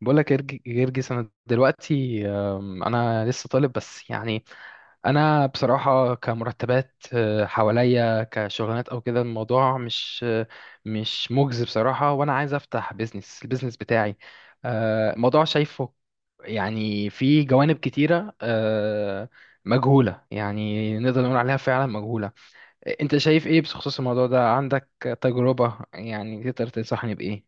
بقول لك جرجس، انا دلوقتي انا لسه طالب بس. يعني انا بصراحه كمرتبات حواليا كشغلانات او كده، الموضوع مش مجزي بصراحه. وانا عايز افتح بيزنس، البيزنس بتاعي الموضوع شايفه. يعني في جوانب كتيره مجهوله، يعني نقدر نقول عليها فعلا مجهوله. انت شايف ايه بخصوص الموضوع ده؟ عندك تجربه؟ يعني تقدر تنصحني بايه؟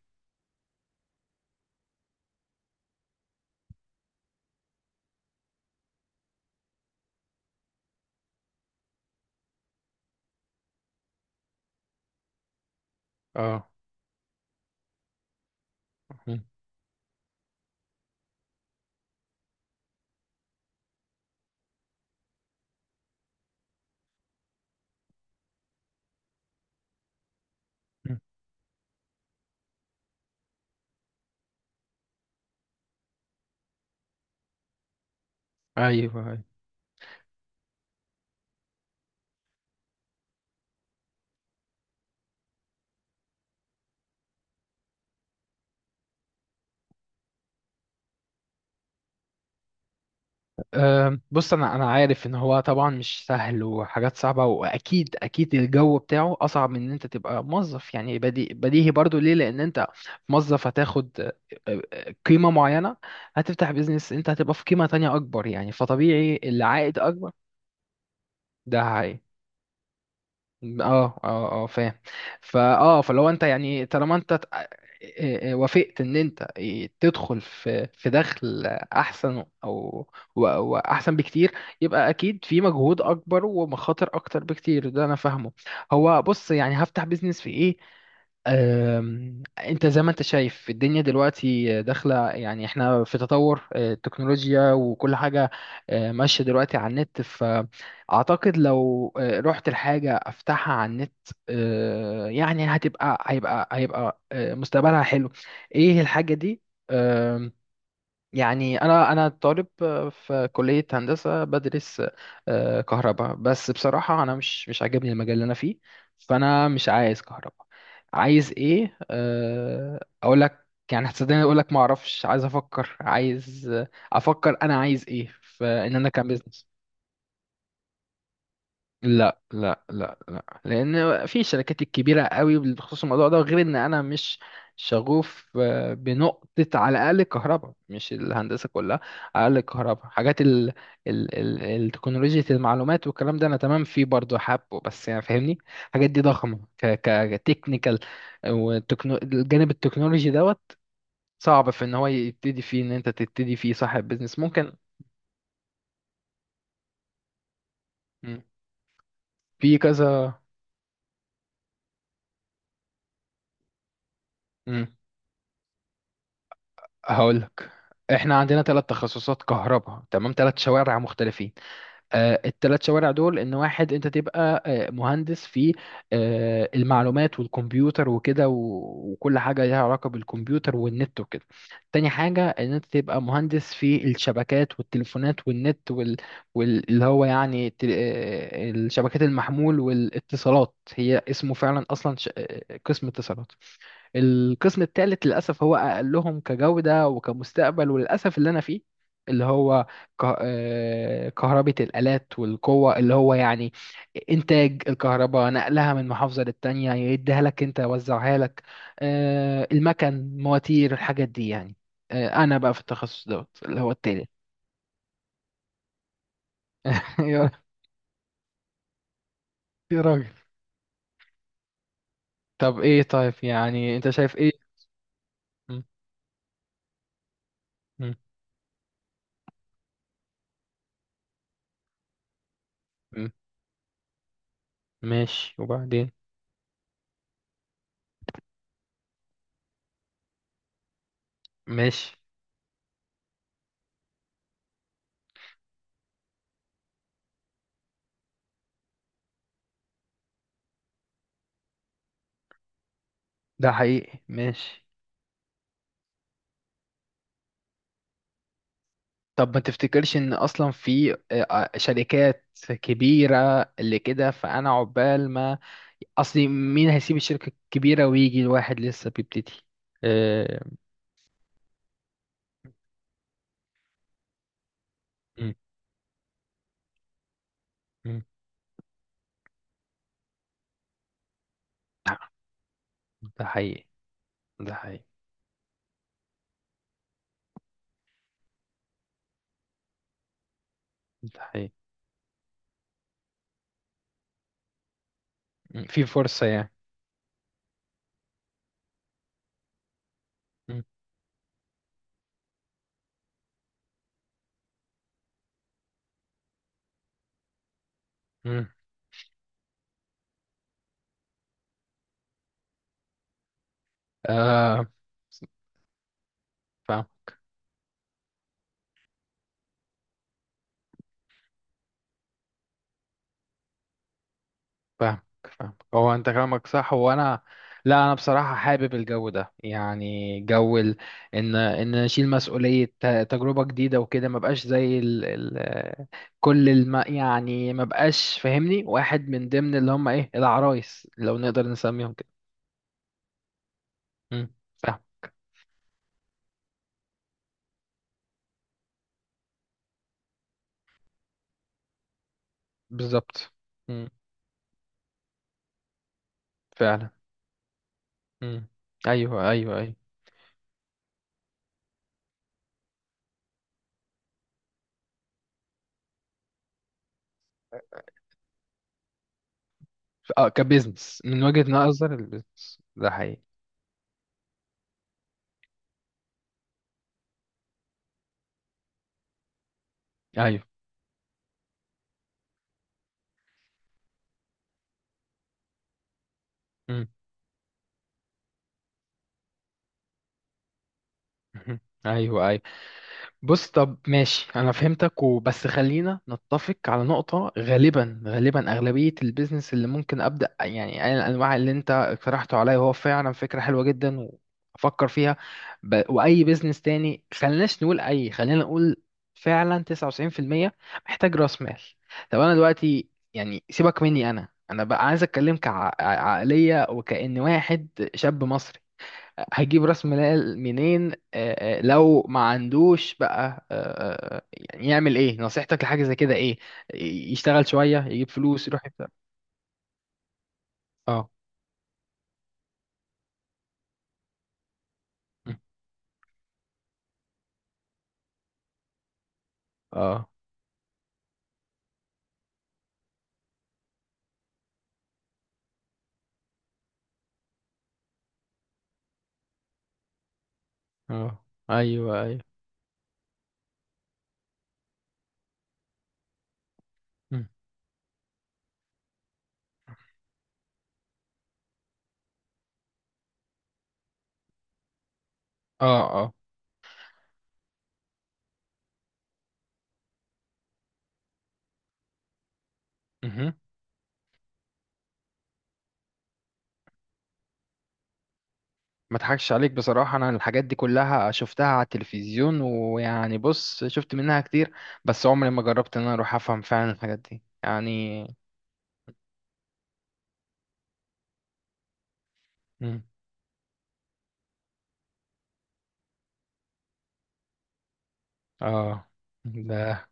اه. مم. مم. ايوه، أيوه. بص، انا عارف ان هو طبعا مش سهل وحاجات صعبه، واكيد اكيد الجو بتاعه اصعب من ان انت تبقى موظف. يعني بديهي برضو ليه، لان انت موظف هتاخد أه، أه، قيمه معينه. هتفتح بيزنس، انت هتبقى في قيمه تانية اكبر، يعني فطبيعي العائد اكبر. ده. اه، اه، اه، فاهم. فلو انت يعني، طالما انت وافقت ان انت تدخل في دخل احسن، او واحسن بكتير، يبقى اكيد في مجهود اكبر ومخاطر اكتر بكتير، ده انا فاهمه. هو بص، يعني هفتح بيزنس في ايه؟ انت زي ما انت شايف الدنيا دلوقتي داخله، يعني احنا في تطور التكنولوجيا وكل حاجه ماشيه دلوقتي على النت. اعتقد لو رحت الحاجه افتحها على النت يعني هتبقى هيبقى هيبقى مستقبلها حلو. ايه الحاجه دي؟ آم، يعني انا طالب في كليه هندسه، بدرس كهرباء، بس بصراحه انا مش عاجبني المجال اللي انا فيه. فانا مش عايز كهرباء. عايز ايه اقول لك؟ يعني هتصدقني اقول لك ما اعرفش، عايز افكر عايز آه، افكر انا عايز ايه، فان انا كان. لا، لا، لا، لا، لان في شركات الكبيره قوي بخصوص الموضوع ده، غير ان انا مش شغوف بنقطه، على الاقل الكهرباء مش الهندسه كلها. على الاقل الكهرباء، حاجات ال ال ال التكنولوجيا المعلومات والكلام ده، انا تمام فيه برضه حابه. بس يعني فاهمني، الحاجات دي ضخمه ك ك تكنيكال، والجانب التكنولوجي دوت صعب في ان هو يبتدي فيه، ان انت تبتدي فيه صاحب بيزنس ممكن. مم. في كذا. مم. هقولك، احنا عندنا ثلاث تخصصات كهرباء، تمام؟ ثلاث شوارع مختلفين. الثلاث شوارع دول، ان واحد انت تبقى مهندس في المعلومات والكمبيوتر وكده، وكل حاجة ليها علاقة بالكمبيوتر والنت وكده. تاني حاجة، ان انت تبقى مهندس في الشبكات والتليفونات والنت اللي هو يعني الشبكات المحمول والاتصالات، هي اسمه فعلا اصلا قسم اتصالات. القسم الثالث للأسف هو أقلهم كجودة وكمستقبل، وللأسف اللي أنا فيه، اللي هو كهربة الآلات والقوة، اللي هو يعني إنتاج الكهرباء، نقلها من محافظة للتانية، يديها لك أنت، يوزعها لك المكن، مواتير، الحاجات دي يعني. أنا بقى في التخصص دوت اللي هو التالت. يا يا راجل. طب إيه؟ طيب يعني أنت شايف إيه؟ م- م- م- ماشي، وبعدين؟ ماشي. ده حقيقي. ماشي. طب ما تفتكرش ان اصلا في شركات كبيرة اللي كده؟ فانا عقبال ما اصلي، مين هيسيب الشركة الكبيرة ويجي الواحد لسه بيبتدي؟ آه، مم. مم. ده حقيقي. ده حقيقي. ده حقيقي. مم، في فرصة يعني. مم. مم. آه. فاهمك، فاهمك. هو انت كلامك صح. هو انا، لا انا بصراحه حابب الجو ده، يعني جو ان اشيل مسؤوليه، تجربه جديده وكده، ما بقاش زي كل يعني ما بقاش فاهمني، واحد من ضمن اللي هم ايه، العرايس لو نقدر نسميهم كده. امم. فاهم. بالظبط. امم. فعلا. امم. ايوه، ايوه، ايوه. اه، كبزنس من وجهه نظر البزنس ده حقيقي. ايوه. امم. ايوه. بص، طب ماشي، انا فهمتك. وبس خلينا نتفق على نقطة، غالبا غالبا اغلبية البيزنس اللي ممكن ابدأ، يعني أي الانواع اللي انت اقترحته عليا هو فعلا فكرة حلوة جدا وافكر فيها. واي بيزنس تاني، خليناش نقول، اي خلينا نقول فعلا 99% محتاج راس مال. طب انا دلوقتي يعني، سيبك مني، انا بقى عايز اتكلم كعقلية، وكأن واحد شاب مصري، هجيب راس مال منين لو ما عندوش بقى يعني يعمل ايه؟ نصيحتك لحاجة زي كده ايه؟ يشتغل شوية يجيب فلوس يروح يبدأ؟ اه. م. اه. اه. ايوه. ايوه. م. اه. اه. مهم. ما اضحكش عليك بصراحة، انا الحاجات دي كلها شفتها على التلفزيون، ويعني بص، شفت منها كتير، بس عمري ما جربت ان انا اروح افهم فعلا الحاجات دي يعني. م. اه. ده.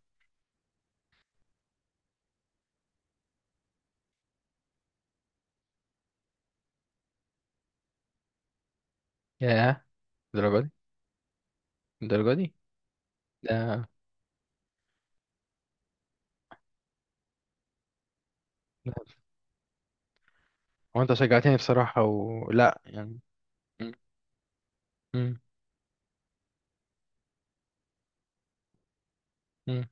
ياه. الدرجة دي؟ الدرجة دي؟ ده. هو انت شجعتني بصراحة ولا يعني؟ م- م- م.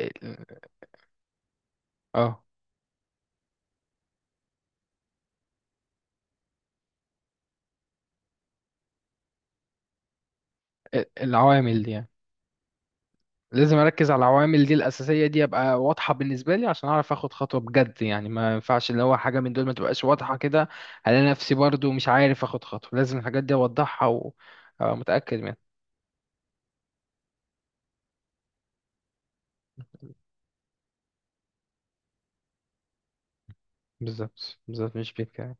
ال- اه العوامل دي يعني، لازم اركز على العوامل دي الاساسية دي، ابقى واضحة بالنسبة لي عشان اعرف اخد خطوة بجد. يعني ما ينفعش اللي هو حاجة من دول ما تبقاش واضحة كده، الاقي نفسي برضو مش عارف اخد خطوة. لازم الحاجات دي اوضحها ومتأكد منها. بالظبط، بالظبط، مش بيك يعني.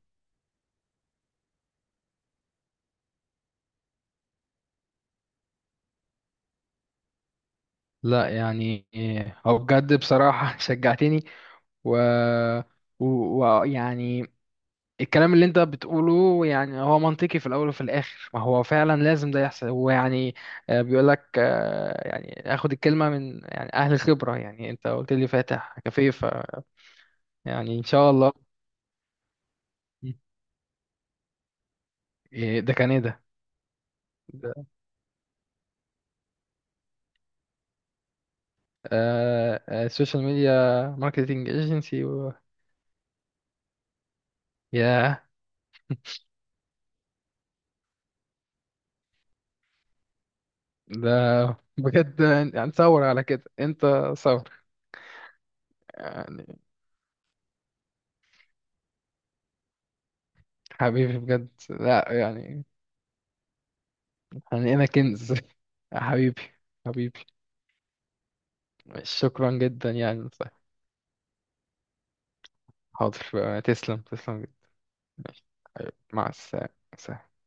لا يعني إيه، هو بجد بصراحة شجعتني. و ويعني الكلام اللي انت بتقوله يعني هو منطقي، في الاول وفي الاخر ما هو فعلا لازم ده يحصل. هو يعني بيقول لك، يعني اخد الكلمه من يعني اهل الخبره، يعني انت قلت لي فاتح كافيه، ف يعني ان شاء الله. إيه ده؟ كان ايه ده ده، آه، آه، السوشيال ميديا، ماركتنج ايجنسي ياه. ده بجد. يعني تصور على كده انت، صور. يعني حبيبي بجد، لا يعني انا كنز حبيبي. حبيبي. شكرا جدا يعني، طيب. حاضر، تسلم، تسلم جدا. مع السلامة. سلام.